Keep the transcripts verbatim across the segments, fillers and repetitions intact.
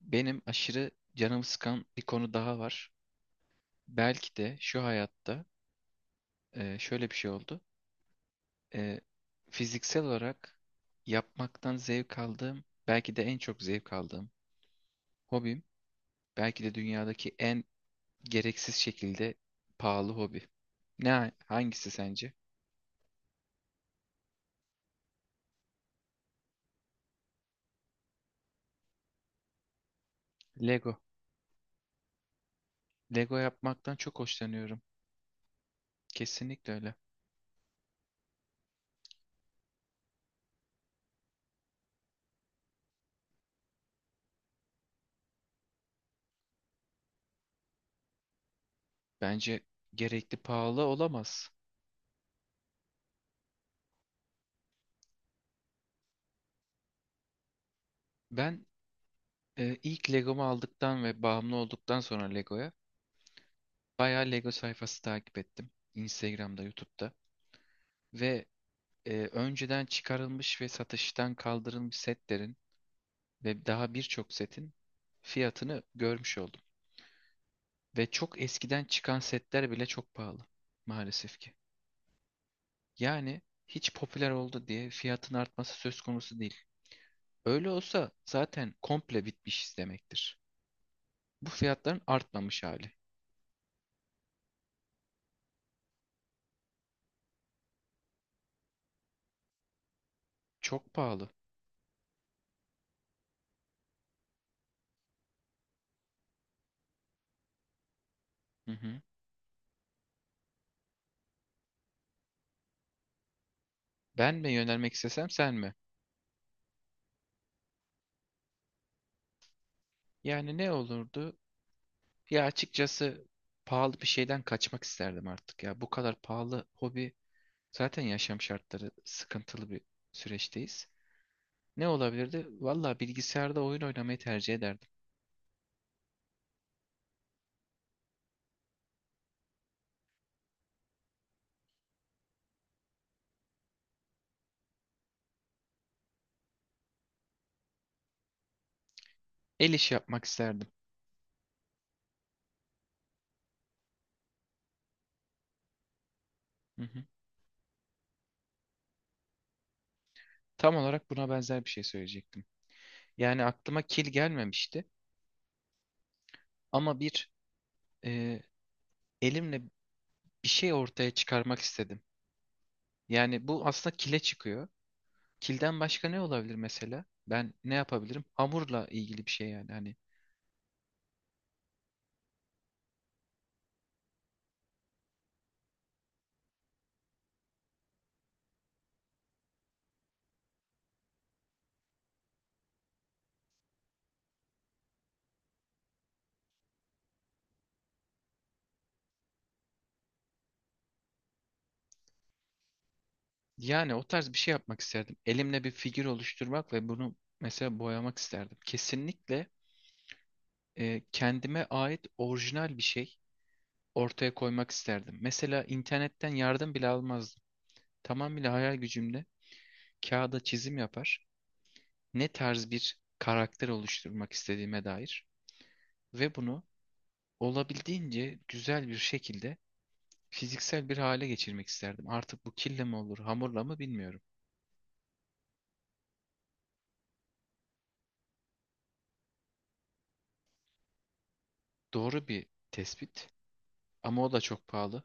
Benim aşırı canımı sıkan bir konu daha var. Belki de şu hayatta e, şöyle bir şey oldu. E, Fiziksel olarak yapmaktan zevk aldığım, belki de en çok zevk aldığım hobim, belki de dünyadaki en gereksiz şekilde pahalı hobi. Ne, hangisi sence? Lego. Lego yapmaktan çok hoşlanıyorum. Kesinlikle öyle. Bence gerekli pahalı olamaz. Ben e, ilk Legomu aldıktan ve bağımlı olduktan sonra Lego'ya bayağı Lego sayfası takip ettim. Instagram'da, YouTube'da. Ve e, önceden çıkarılmış ve satıştan kaldırılmış setlerin ve daha birçok setin fiyatını görmüş oldum. Ve çok eskiden çıkan setler bile çok pahalı maalesef ki. Yani hiç popüler oldu diye fiyatın artması söz konusu değil. Öyle olsa zaten komple bitmiş demektir. Bu fiyatların artmamış hali. Çok pahalı. Hı hı. Ben mi yönelmek istesem sen mi? Yani ne olurdu? Ya açıkçası pahalı bir şeyden kaçmak isterdim artık ya. Bu kadar pahalı hobi, zaten yaşam şartları sıkıntılı bir süreçteyiz. Ne olabilirdi? Valla bilgisayarda oyun oynamayı tercih ederdim. El işi yapmak isterdim. Hı hı. Tam olarak buna benzer bir şey söyleyecektim. Yani aklıma kil gelmemişti ama bir e, elimle bir şey ortaya çıkarmak istedim. Yani bu aslında kile çıkıyor. Kilden başka ne olabilir mesela? Ben ne yapabilirim? Hamurla ilgili bir şey yani. Hani yani o tarz bir şey yapmak isterdim. Elimle bir figür oluşturmak ve bunu mesela boyamak isterdim. Kesinlikle e, kendime ait orijinal bir şey ortaya koymak isterdim. Mesela internetten yardım bile almazdım. Tamamıyla hayal gücümle kağıda çizim yapar. Ne tarz bir karakter oluşturmak istediğime dair ve bunu olabildiğince güzel bir şekilde fiziksel bir hale geçirmek isterdim. Artık bu kille mi olur, hamurla mı bilmiyorum. Doğru bir tespit ama o da çok pahalı.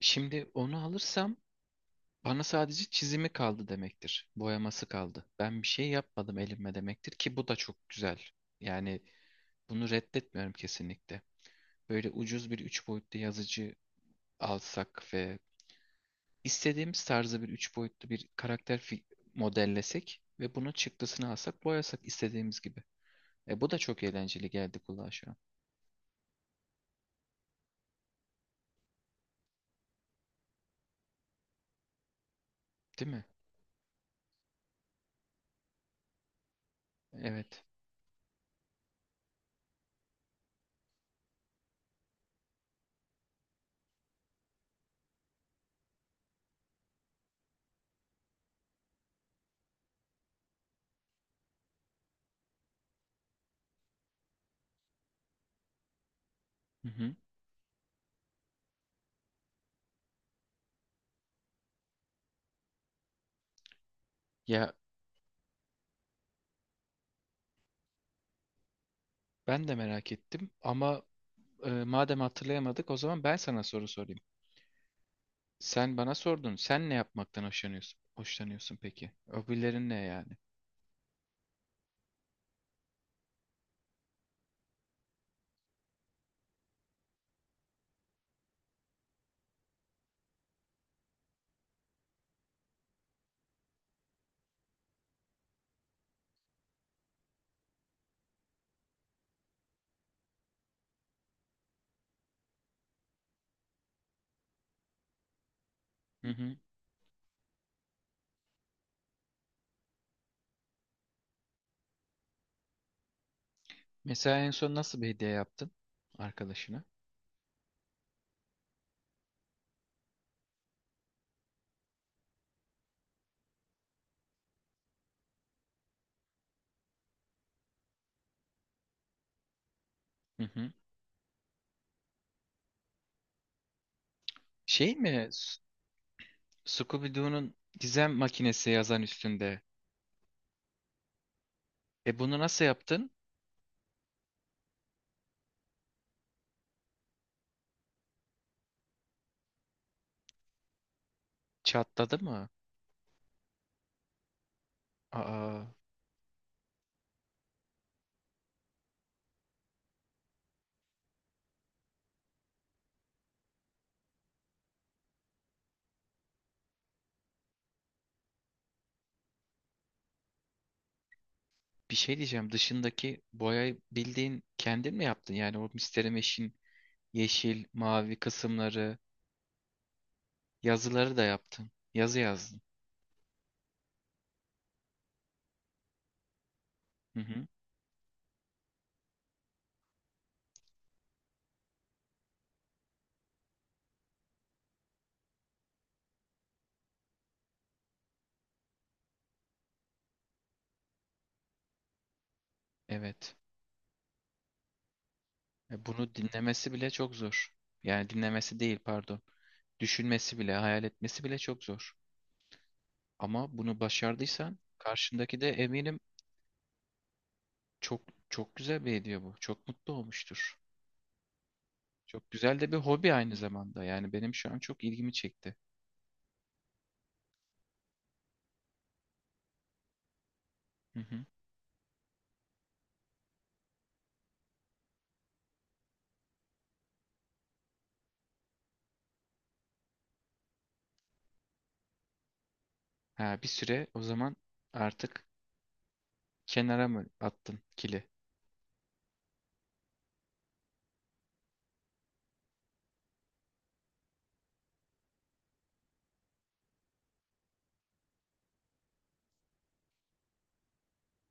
Şimdi onu alırsam bana sadece çizimi kaldı demektir. Boyaması kaldı. Ben bir şey yapmadım elimle demektir ki bu da çok güzel. Yani bunu reddetmiyorum kesinlikle. Böyle ucuz bir üç boyutlu yazıcı alsak ve istediğimiz tarzda bir üç boyutlu bir karakter fi- modellesek ve bunun çıktısını alsak boyasak istediğimiz gibi. E bu da çok eğlenceli geldi kulağa şu an. Değil mi? Evet. Hı hı. Ya ben de merak ettim ama e, madem hatırlayamadık o zaman ben sana soru sorayım. Sen bana sordun. Sen ne yapmaktan hoşlanıyorsun? Hoşlanıyorsun peki. Hobilerin ne yani? Hı hı. Mesela en son nasıl bir hediye yaptın arkadaşına? Hı hı. Şey mi? S- Scooby-Doo'nun gizem makinesi yazan üstünde. E bunu nasıl yaptın? Çatladı mı? Aa, bir şey diyeceğim. Dışındaki boyayı bildiğin kendin mi yaptın? Yani o Mister Mesh'in yeşil, mavi kısımları, yazıları da yaptın. Yazı yazdın. Hı hı. Evet. E, Bunu dinlemesi bile çok zor. Yani dinlemesi değil pardon. Düşünmesi bile, hayal etmesi bile çok zor. Ama bunu başardıysan karşındaki de eminim çok çok güzel bir hediye bu. Çok mutlu olmuştur. Çok güzel de bir hobi aynı zamanda. Yani benim şu an çok ilgimi çekti. Hı hı. Ha, bir süre o zaman artık kenara mı attın kili?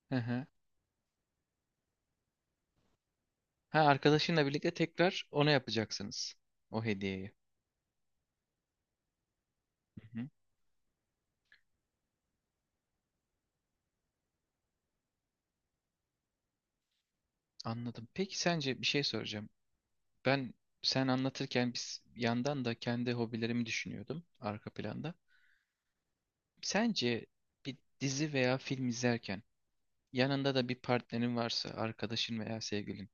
Hı hı. Ha, arkadaşınla birlikte tekrar ona yapacaksınız. O hediyeyi. Hı hı. Anladım. Peki sence bir şey soracağım. Ben sen anlatırken biz yandan da kendi hobilerimi düşünüyordum arka planda. Sence bir dizi veya film izlerken yanında da bir partnerin varsa, arkadaşın veya sevgilin,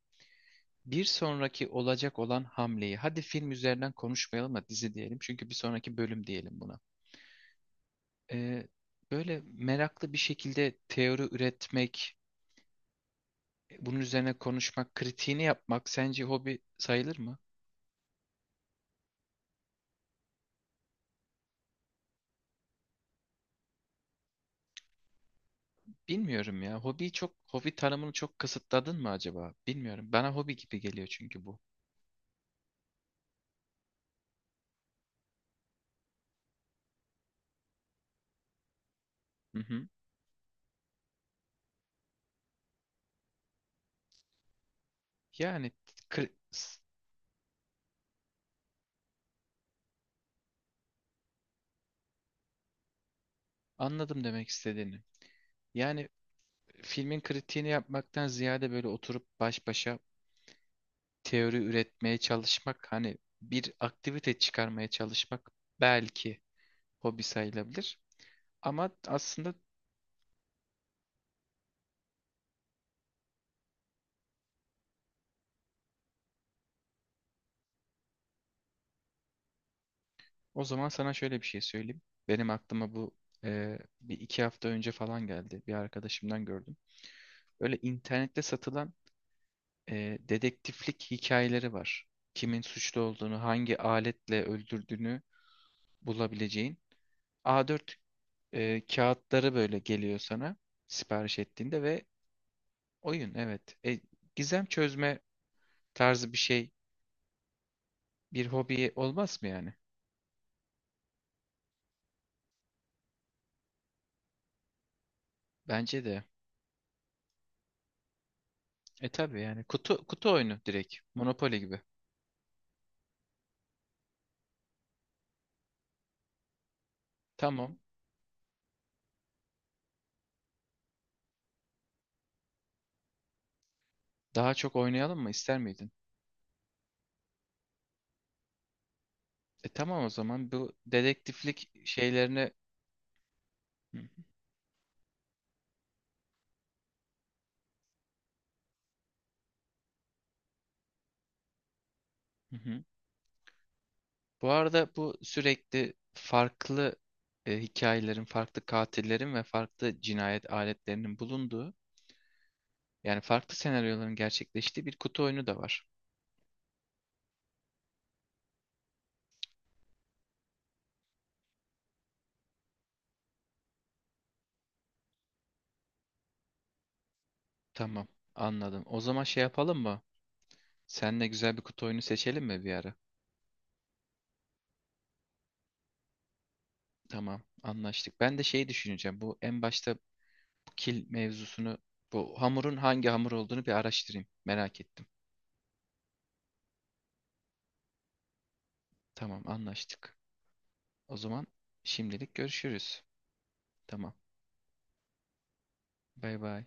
bir sonraki olacak olan hamleyi, hadi film üzerinden konuşmayalım da dizi diyelim çünkü bir sonraki bölüm diyelim buna. Ee, böyle meraklı bir şekilde teori üretmek, bunun üzerine konuşmak, kritiğini yapmak sence hobi sayılır mı? Bilmiyorum ya. Hobi çok hobi tanımını çok kısıtladın mı acaba? Bilmiyorum. Bana hobi gibi geliyor çünkü bu. Hı hı. Yani kri- s- anladım demek istediğini. Yani filmin kritiğini yapmaktan ziyade böyle oturup baş başa teori üretmeye çalışmak, hani bir aktivite çıkarmaya çalışmak belki hobi sayılabilir. Ama aslında o zaman sana şöyle bir şey söyleyeyim. Benim aklıma bu e, bir iki hafta önce falan geldi. Bir arkadaşımdan gördüm. Öyle internette satılan e, dedektiflik hikayeleri var. Kimin suçlu olduğunu, hangi aletle öldürdüğünü bulabileceğin. A dört e, kağıtları böyle geliyor sana sipariş ettiğinde ve oyun evet. E, gizem çözme tarzı bir şey bir hobi olmaz mı yani? Bence de. E tabii yani kutu kutu oyunu direkt. Monopoly gibi. Tamam. Daha çok oynayalım mı ister miydin? E tamam o zaman bu dedektiflik şeylerine Bu arada bu sürekli farklı e, hikayelerin, farklı katillerin ve farklı cinayet aletlerinin bulunduğu, yani farklı senaryoların gerçekleştiği bir kutu oyunu da var. Tamam, anladım. O zaman şey yapalım mı? Seninle güzel bir kutu oyunu seçelim mi bir ara? Tamam, anlaştık. Ben de şeyi düşüneceğim. Bu en başta bu kil mevzusunu, bu hamurun hangi hamur olduğunu bir araştırayım. Merak ettim. Tamam, anlaştık. O zaman şimdilik görüşürüz. Tamam, bay bay.